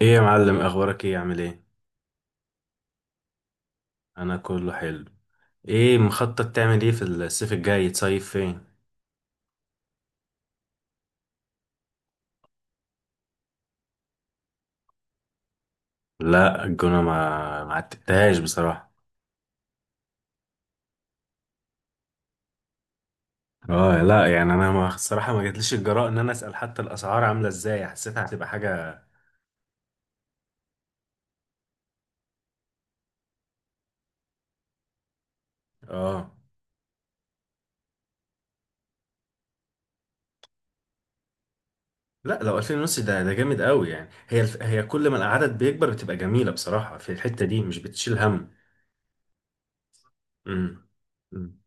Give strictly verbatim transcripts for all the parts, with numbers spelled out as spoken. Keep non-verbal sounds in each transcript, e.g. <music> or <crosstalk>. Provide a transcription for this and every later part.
ايه يا معلم، اخبارك؟ ايه عامل ايه؟ انا كله حلو. ايه مخطط تعمل ايه في الصيف الجاي؟ تصيف فين؟ لا، الجونة ما ما عتبتهاش بصراحة. اه لا يعني، انا ما الصراحة ما جاتليش الجراء ان انا اسأل حتى الاسعار عاملة ازاي، حسيتها هتبقى حاجة. اه لا، لو ألفين ونص ده ده جامد قوي يعني. هي الف... هي كل ما العدد بيكبر بتبقى جميلة بصراحة، في الحتة دي مش بتشيل هم. امم امم.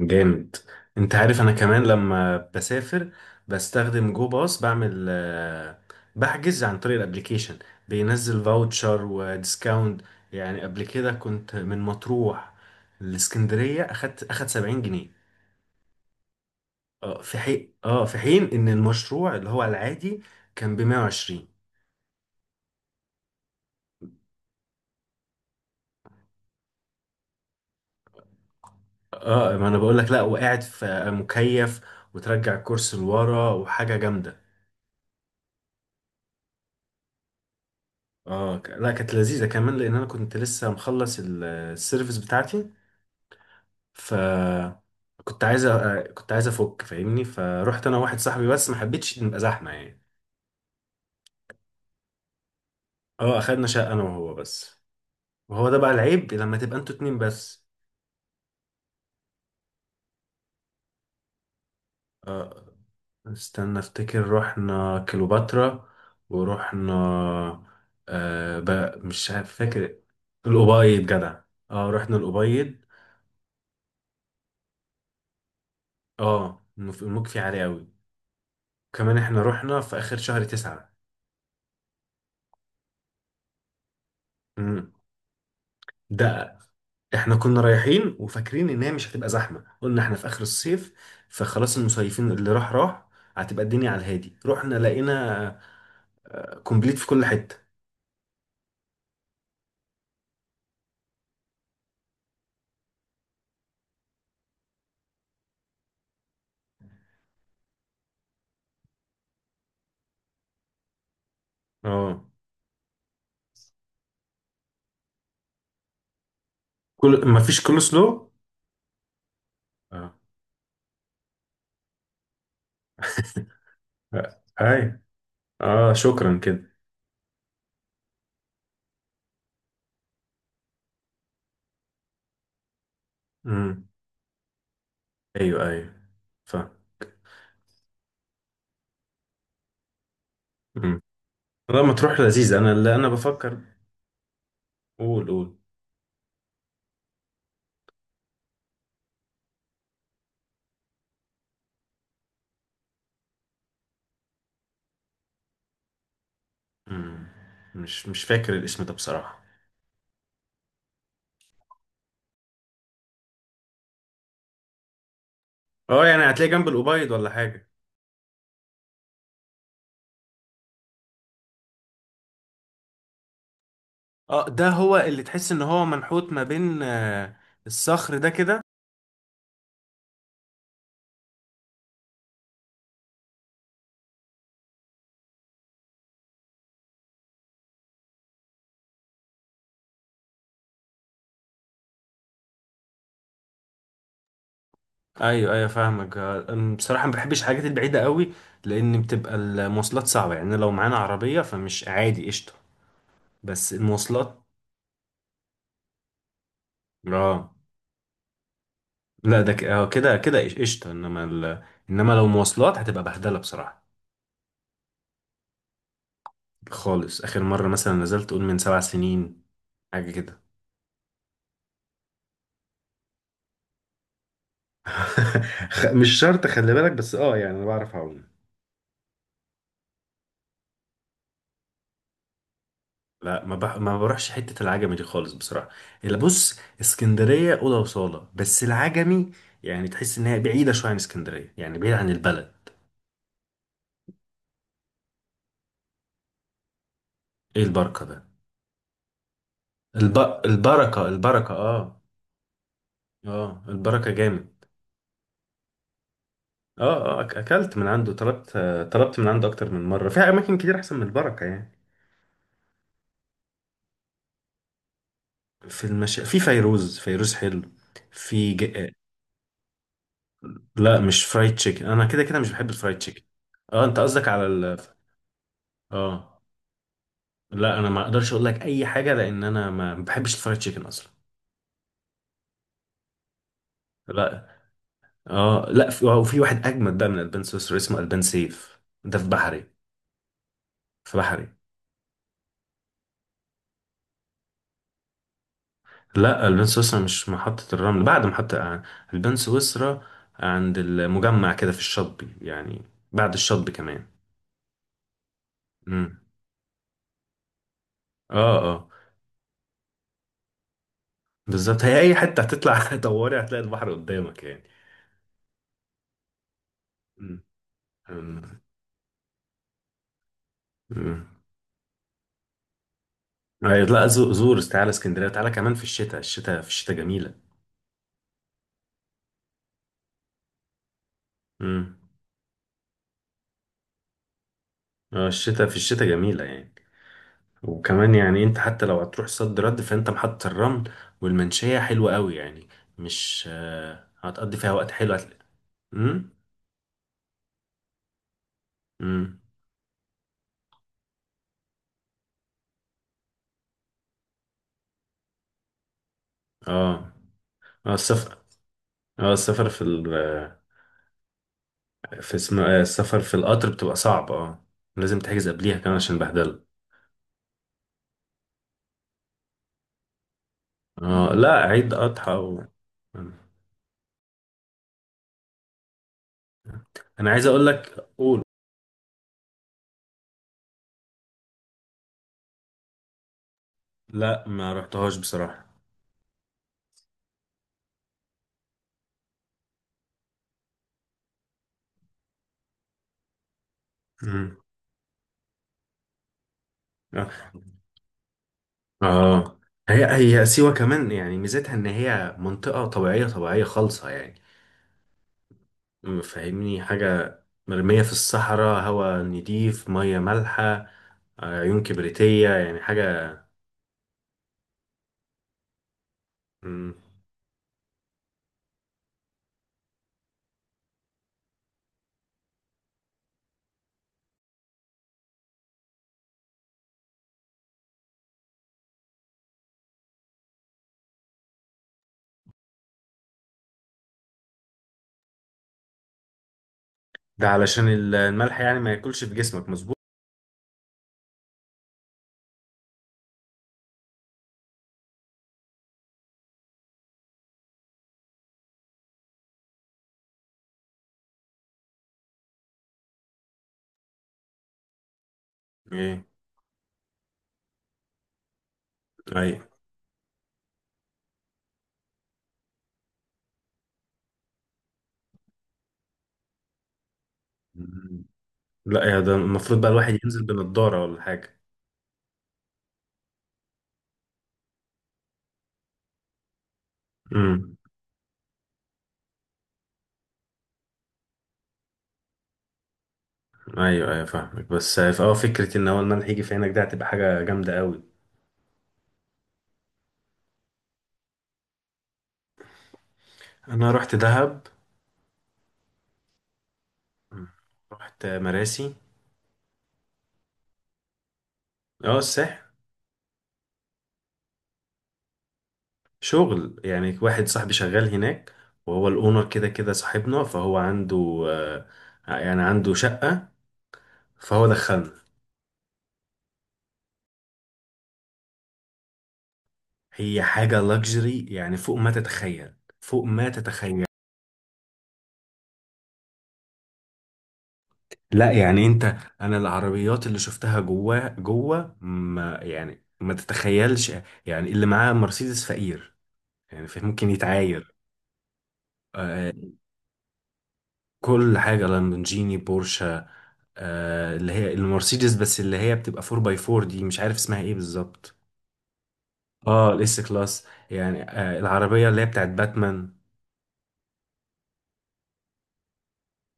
جامد. انت عارف، انا كمان لما بسافر بستخدم جو باص، بعمل آه، بحجز عن طريق الابليكيشن، بينزل فاوتشر وديسكاونت. يعني قبل كده كنت من مطروح لاسكندرية اخدت اخد سبعين جنيه. اه في حين اه في حين ان المشروع اللي هو العادي كان ب مية وعشرين. اه ما انا بقول لك، لا وقاعد في مكيف وترجع الكرسي لورا وحاجة جامدة. اه ك- لا كانت لذيذة كمان، لأن أنا كنت لسه مخلص ال- السيرفيس بتاعتي. ف كنت عايز أ- كنت عايز أفك فاهمني، فروحت أنا وواحد صاحبي بس، ما حبيتش نبقى زحمة يعني. اه، أخدنا شقة أنا وهو بس، وهو ده بقى العيب لما تبقى أنتوا اتنين بس. اه استنى أفتكر، رحنا كليوباترا ورحنا، آه بقى مش عارف فاكر. الأبيض جدع، اه رحنا الأبيض. اه المك المك فيه عالي أوي. كمان احنا رحنا في آخر شهر تسعة. مم. ده احنا كنا رايحين وفاكرين ان هي مش هتبقى زحمه، قلنا احنا في اخر الصيف فخلاص المصيفين اللي راح راح، هتبقى الدنيا على الهادي. رحنا لقينا كومبليت في كل حته. اه كل ما فيش كل سلو. اه <laughs> آه، اي اه شكرا كده. امم ايوه ايوه. ف امم لا ما تروح لذيذ، انا اللي انا بفكر. قول قول. امم مش مش فاكر الاسم ده بصراحه. اه يعني هتلاقي جنب الأوبايد ولا حاجه؟ اه ده هو اللي تحس ان هو منحوت ما بين آه، الصخر ده كده. ايوه ايوه فاهمك. آه، أنا بصراحه ما بحبش الحاجات البعيده قوي، لان بتبقى المواصلات صعبه يعني. لو معانا عربيه فمش عادي، قشطه. بس المواصلات. اه لا ده ك- آه، كده كده قش- قشطه، انما ال... انما لو مواصلات هتبقى بهدله بصراحه. خالص اخر مره مثلا نزلت قول من سبع سنين حاجه كده. <laughs> خ- مش شرط خلي بالك، بس اه يعني انا بعرف اعوم. لا ما, بح... ما بروحش حتة العجمي دي خالص بصراحة. اللي بص، اسكندرية أوضة وصالة، بس العجمي يعني تحس إن هي بعيدة شوية عن اسكندرية، يعني بعيدة عن البلد. إيه البركة ده؟ الب... البركة، البركة، آه. آه البركة جامد. آه آه أك- أكلت من عنده، طلبت آه، طلبت من عنده أكتر من مرة في أماكن كتير أحسن من البركة يعني. في المش... في فيروز، فيروز حلو. في ج... آه، لا مش فرايد تشيكن، أنا كده كده مش بحب الفرايد تشيكن. آه أنت قصدك على ال... آه لا انا ما اقدرش اقول لك اي حاجه، لان انا ما ما بحبش الفرايد تشيكن اصلا. لا اه لا، في وفي واحد اجمد بقى من البان سويسرا اسمه البان سيف، ده في بحري. في بحري. لا البان سويسرا مش محطه الرمل، بعد محطه البان سويسرا، عند المجمع كده في الشاطبي يعني، بعد الشاطبي كمان. امم اه اه. بالظبط، هي اي حته هتطلع <laughs> دوري هتلاقي البحر قدامك يعني. مم. مم. مم. أيوة، لا زو- زور تعالى اسكندريه، تعالى كمان في الشتاء، الشتاء، في الشتاء جميله. مم. آه، الشتاء، في الشتاء جميلة يعني. وكمان يعني انت حتى لو هتروح صد رد فانت محطة الرمل والمنشية حلوة قوي يعني. مش آه، هتقضي فيها وقت حلو هتلاقي. امم امم اه اه. السفر، اه السفر في ال آه، في اسمه آه، السفر في القطر بتبقى صعب. اه لازم تحجز قبليها كمان عشان بهدله. اه لا عيد اضحى و... انا عايز اقول لك. قول. لا ما رحتهاش بصراحة. امم اه هي هي سيوة كمان يعني ميزتها ان هي منطقة طبيعية طبيعية خالصة يعني. م- فاهمني حاجة؟ مرمية في الصحراء، هواء نضيف، مية مالحة، آه، عيون كبريتية يعني حاجة. م، ده علشان ال- الملح يعني ما ياكلش في جسمك، مظبوط. ايه. ايوه. م- لا يا ده المفروض بقى الواحد ينزل بنضارة ولا حاجة. امم ايوه ايوه فاهمك. بس اه فكرة ان هو الملح يجي في عينك ده هتبقى حاجة جامدة قوي. انا رحت دهب. مم. رحت مراسي. اه الساحل. شغل يعني، واحد صاحبي شغال هناك، وهو الاونر كده كده صاحبنا، فهو عنده آه، يعني عنده شقة فهو دخلنا. هي حاجة لاكجري يعني فوق ما تتخيل، فوق ما تتخيل. لا يعني انت، انا العربيات اللي شفتها جوه جوه ما يعني ما تتخيلش، يعني اللي معاه مرسيدس فقير يعني، فممكن يتعاير. آه، كل حاجة لامبورجيني، بورشة، آه اللي هي المرسيدس، بس اللي هي بتبقى أربعة باي أربعة دي مش عارف اسمها ايه بالظبط. اه الاس كلاس يعني، آه العربيه اللي هي بتاعت باتمان.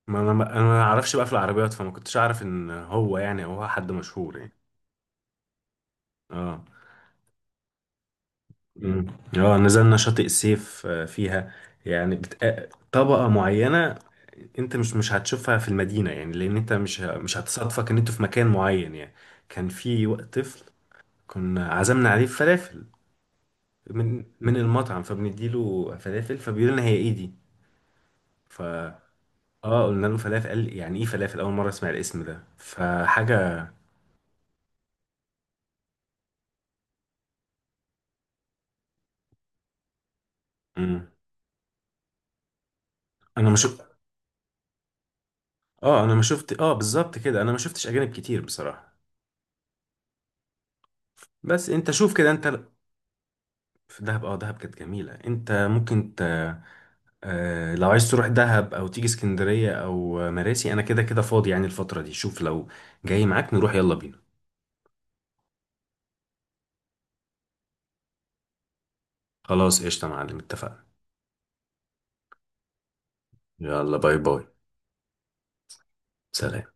ما انا ما انا ما اعرفش بقى في العربيات، فما كنتش اعرف ان هو يعني او هو حد مشهور يعني. اه. مم. اه نزلنا شاطئ السيف آه فيها. يعني بت... آه، طبقه معينه، انت مش مش هتشوفها في المدينه يعني، لان انت مش ه- مش هتصادفك ان انتوا في مكان معين يعني. كان في وقت طفل كنا عزمنا عليه فلافل من من المطعم فبنديله فلافل فبيقول لنا هي ايه دي. ف اه قلنا له فلافل، قال يعني ايه فلافل، اول مره اسمع الاسم ده فحاجه. مم. انا ما شفت اه انا ما شفت اه بالظبط كده، انا ما شفتش اجانب كتير بصراحه. بس انت شوف كده انت. في دهب، اه دهب كانت جميله. انت ممكن ت... آه لو عايز تروح دهب او تيجي اسكندريه او آه، مراسي، انا كده كده فاضي يعني الفتره دي. شوف لو جاي معاك نروح، يلا بينا. خلاص قشطه يا معلم، اتفقنا. يلا باي باي. سلام.